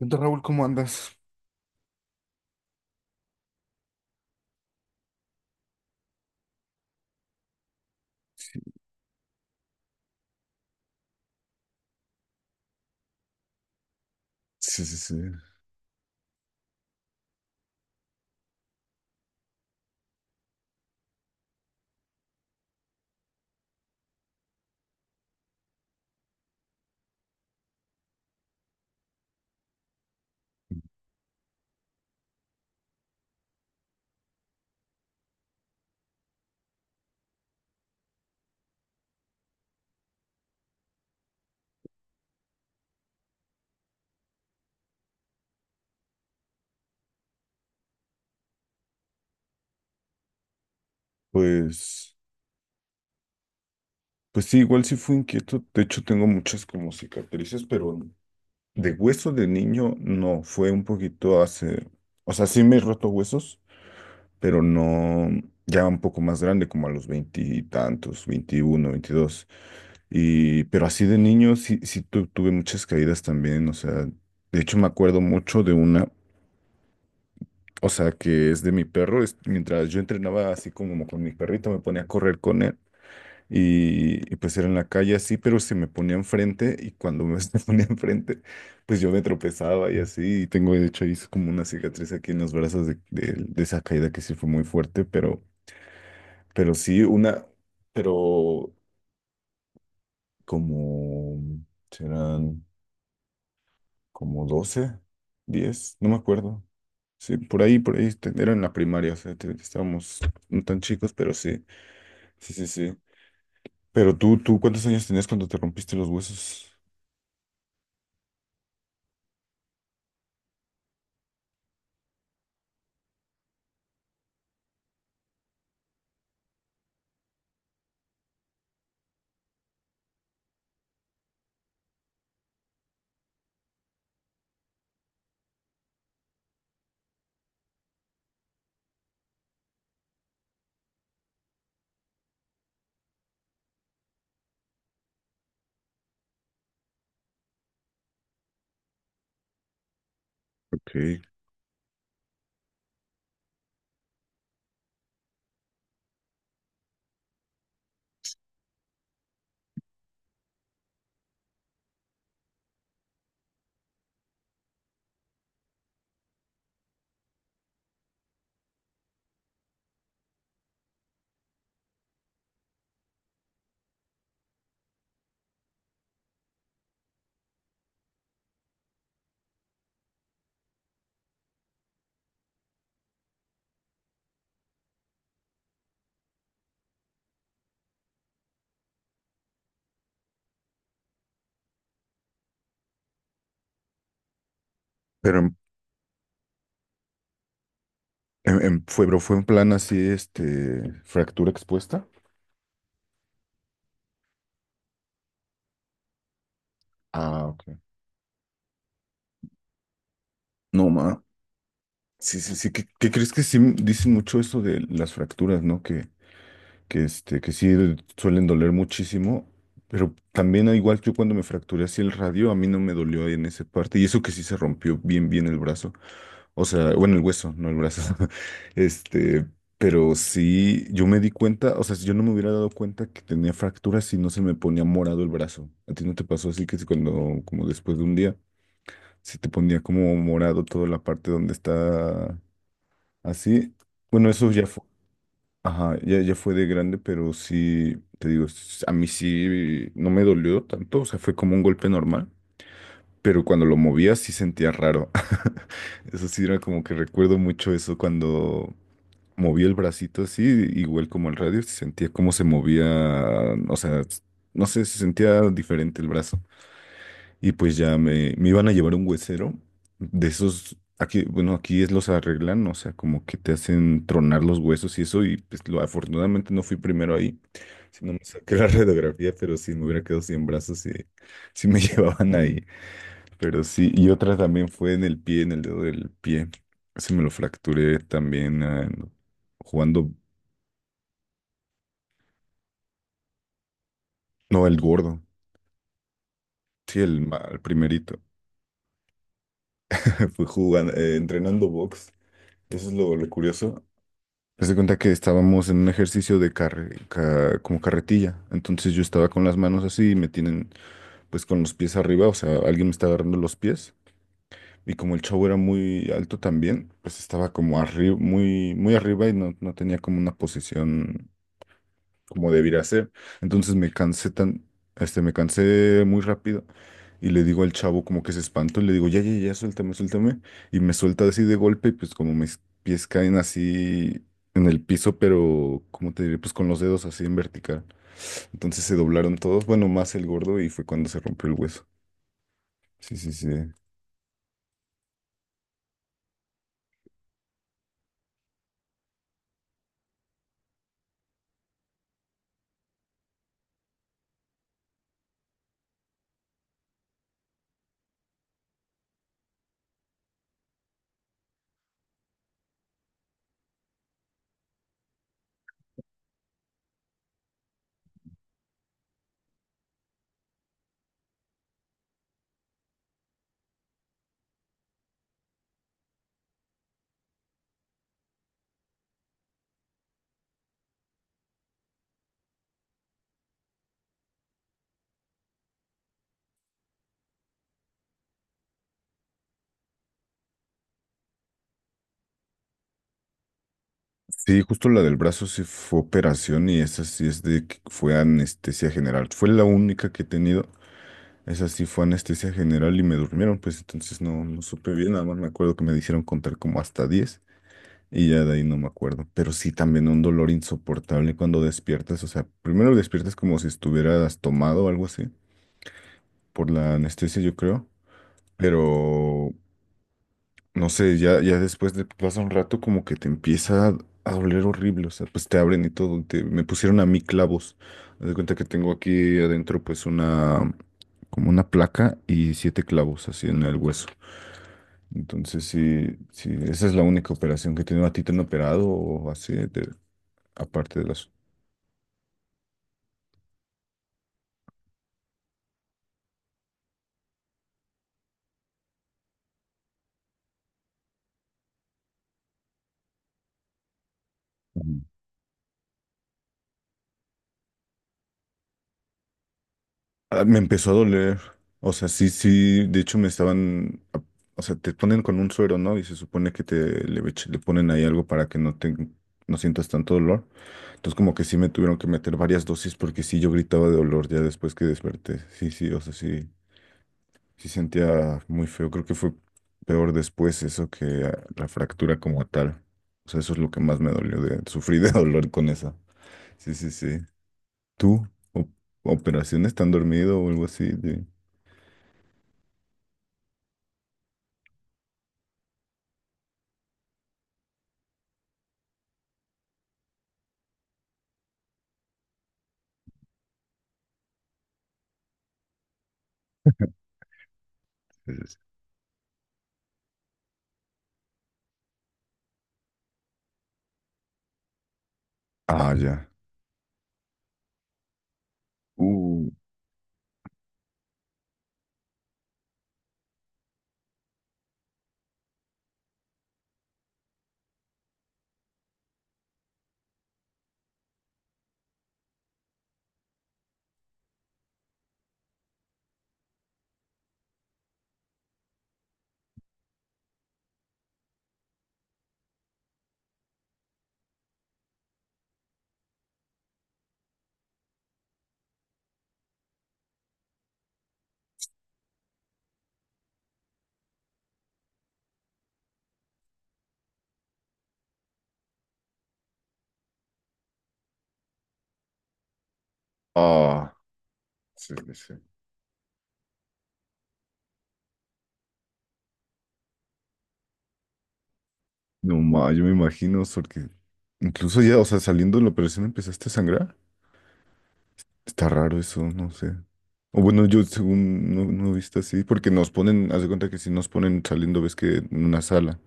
Entonces, Raúl, ¿cómo andas? Sí, sí, sí. Pues, pues sí, igual sí fui inquieto. De hecho, tengo muchas como cicatrices, pero de hueso de niño no. Fue un poquito hace, o sea, sí me he roto huesos, pero no, ya un poco más grande, como a los 20 y tantos, 21, 22. Y, pero así de niño sí, tuve muchas caídas también. O sea, de hecho me acuerdo mucho de una, o sea, que es de mi perro. Mientras yo entrenaba así como con mi perrito, me ponía a correr con él. Pues era en la calle así, pero se me ponía enfrente y cuando me se ponía enfrente, pues yo me tropezaba y así. Y tengo de hecho ahí es como una cicatriz aquí en los brazos de esa caída que sí fue muy fuerte, pero sí una, pero como serán como 12 10 no me acuerdo. Sí, por ahí, era en la primaria, o sea, estábamos no tan chicos, pero sí, sí, sí, sí. Pero tú, ¿cuántos años tenías cuando te rompiste los huesos? Ok. Pero en fue, pero fue en plan así, este, fractura expuesta. Ah, ok. No, ma. Sí, sí, sí. ¿Qué, qué crees que sí dicen mucho eso de las fracturas, ¿no? Que este, que sí suelen doler muchísimo, pero también al igual que yo cuando me fracturé así el radio, a mí no me dolió en esa parte, y eso que sí se rompió bien, bien el brazo, o sea, bueno, el hueso, no el brazo, este, pero sí, yo me di cuenta, o sea, si yo no me hubiera dado cuenta que tenía fractura si no se me ponía morado el brazo, ¿a ti no te pasó así que si cuando, como después de un día, si te ponía como morado toda la parte donde está así? Bueno, eso ya fue. Ajá, ya, ya fue de grande, pero sí, te digo, a mí sí no me dolió tanto, o sea, fue como un golpe normal, pero cuando lo movía sí sentía raro. Eso sí era como que recuerdo mucho eso cuando moví el bracito así, igual como el radio, sentía cómo se movía, o sea, no sé, se sentía diferente el brazo. Y pues ya me iban a llevar un huesero de esos, aquí, bueno, aquí es los arreglan, o sea, como que te hacen tronar los huesos y eso, y pues lo, afortunadamente no fui primero ahí, sino me saqué la radiografía, pero sí me hubiera quedado sin brazos y sí me llevaban ahí. Pero sí, y otra también fue en el pie, en el dedo del pie. Se me lo fracturé también, ah, jugando, no, el gordo, sí, el, el primerito. Fue jugando, entrenando box. Eso es lo curioso. Haz de cuenta que estábamos en un ejercicio de como carretilla. Entonces yo estaba con las manos así y me tienen pues con los pies arriba, o sea, alguien me está agarrando los pies. Y como el chavo era muy alto también, pues estaba como arriba, muy, muy arriba y no, no tenía como una posición como debiera ser. Entonces me cansé tan, este, me cansé muy rápido y le digo al chavo como que se espantó y le digo, ya, ya, ya, suéltame, suéltame. Y me suelta así de golpe y pues como mis pies caen así en el piso, pero cómo te diré, pues con los dedos así en vertical. Entonces se doblaron todos, bueno, más el gordo y fue cuando se rompió el hueso. Sí, sí, sí. Sí, justo la del brazo sí fue operación y esa sí es de que fue anestesia general. Fue la única que he tenido. Esa sí fue anestesia general y me durmieron, pues entonces no, no supe bien, nada más me acuerdo que me dijeron contar como hasta 10 y ya de ahí no me acuerdo, pero sí también un dolor insoportable cuando despiertas, o sea, primero despiertas como si estuvieras tomado o algo así, por la anestesia yo creo, pero no sé, ya, ya después de pasa un rato como que te empieza a doler horrible, o sea, pues te abren y todo, me pusieron a mí clavos. Haz de cuenta que tengo aquí adentro pues una, como una placa y 7 clavos así en el hueso. Entonces sí, sí, esa es la única operación que tengo. ¿A ti te han operado o así, de- aparte de las... Ah, me empezó a doler. O sea, sí, sí. De hecho, me estaban. A- O sea, te ponen con un suero, ¿no? Y se supone que te le ponen ahí algo para que no te, no sientas tanto dolor. Entonces, como que sí me tuvieron que meter varias dosis porque sí yo gritaba de dolor ya después que desperté. Sí, sí, o sea, sí, sí sentía muy feo. Creo que fue peor después eso que ah, la fractura como tal. O sea, eso es lo que más me dolió de sufrí de dolor con esa. Sí, sí, sí. ¿Tú? O- ¿Operaciones? ¿Tan dormido o algo así? De- Sí, sí, sí. Ah, ya. Uh, ah, sí, sí, sí. No, ma, yo me imagino, porque incluso ya, o sea, saliendo de la operación empezaste a sangrar. Está raro eso, no sé. O bueno, yo según no, no he visto así, porque nos ponen, haz de cuenta que si nos ponen saliendo, ves que en una sala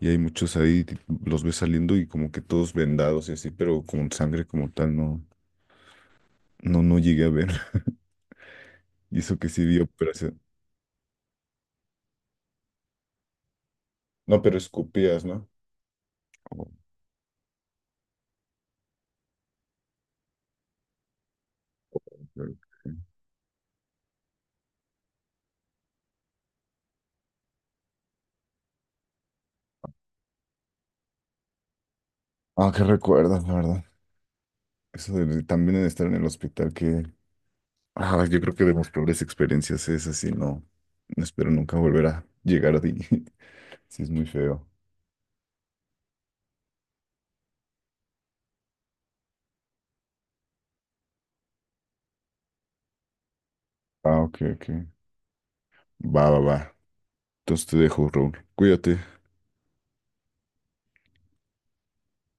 y hay muchos ahí, los ves saliendo y como que todos vendados y así, pero con sangre como tal, no, no, no llegué a ver. Y eso que sí vi operación. No, pero escupías, ¿no? Oh, ok. Ah, qué recuerdos, la verdad. Eso de también de estar en el hospital, que ah, yo creo que de mis peores experiencias es así, no, no espero nunca volver a llegar a ti. Sí, es muy feo. Ah, ok, ok. Va, va, va. Entonces te dejo, Raúl. Cuídate.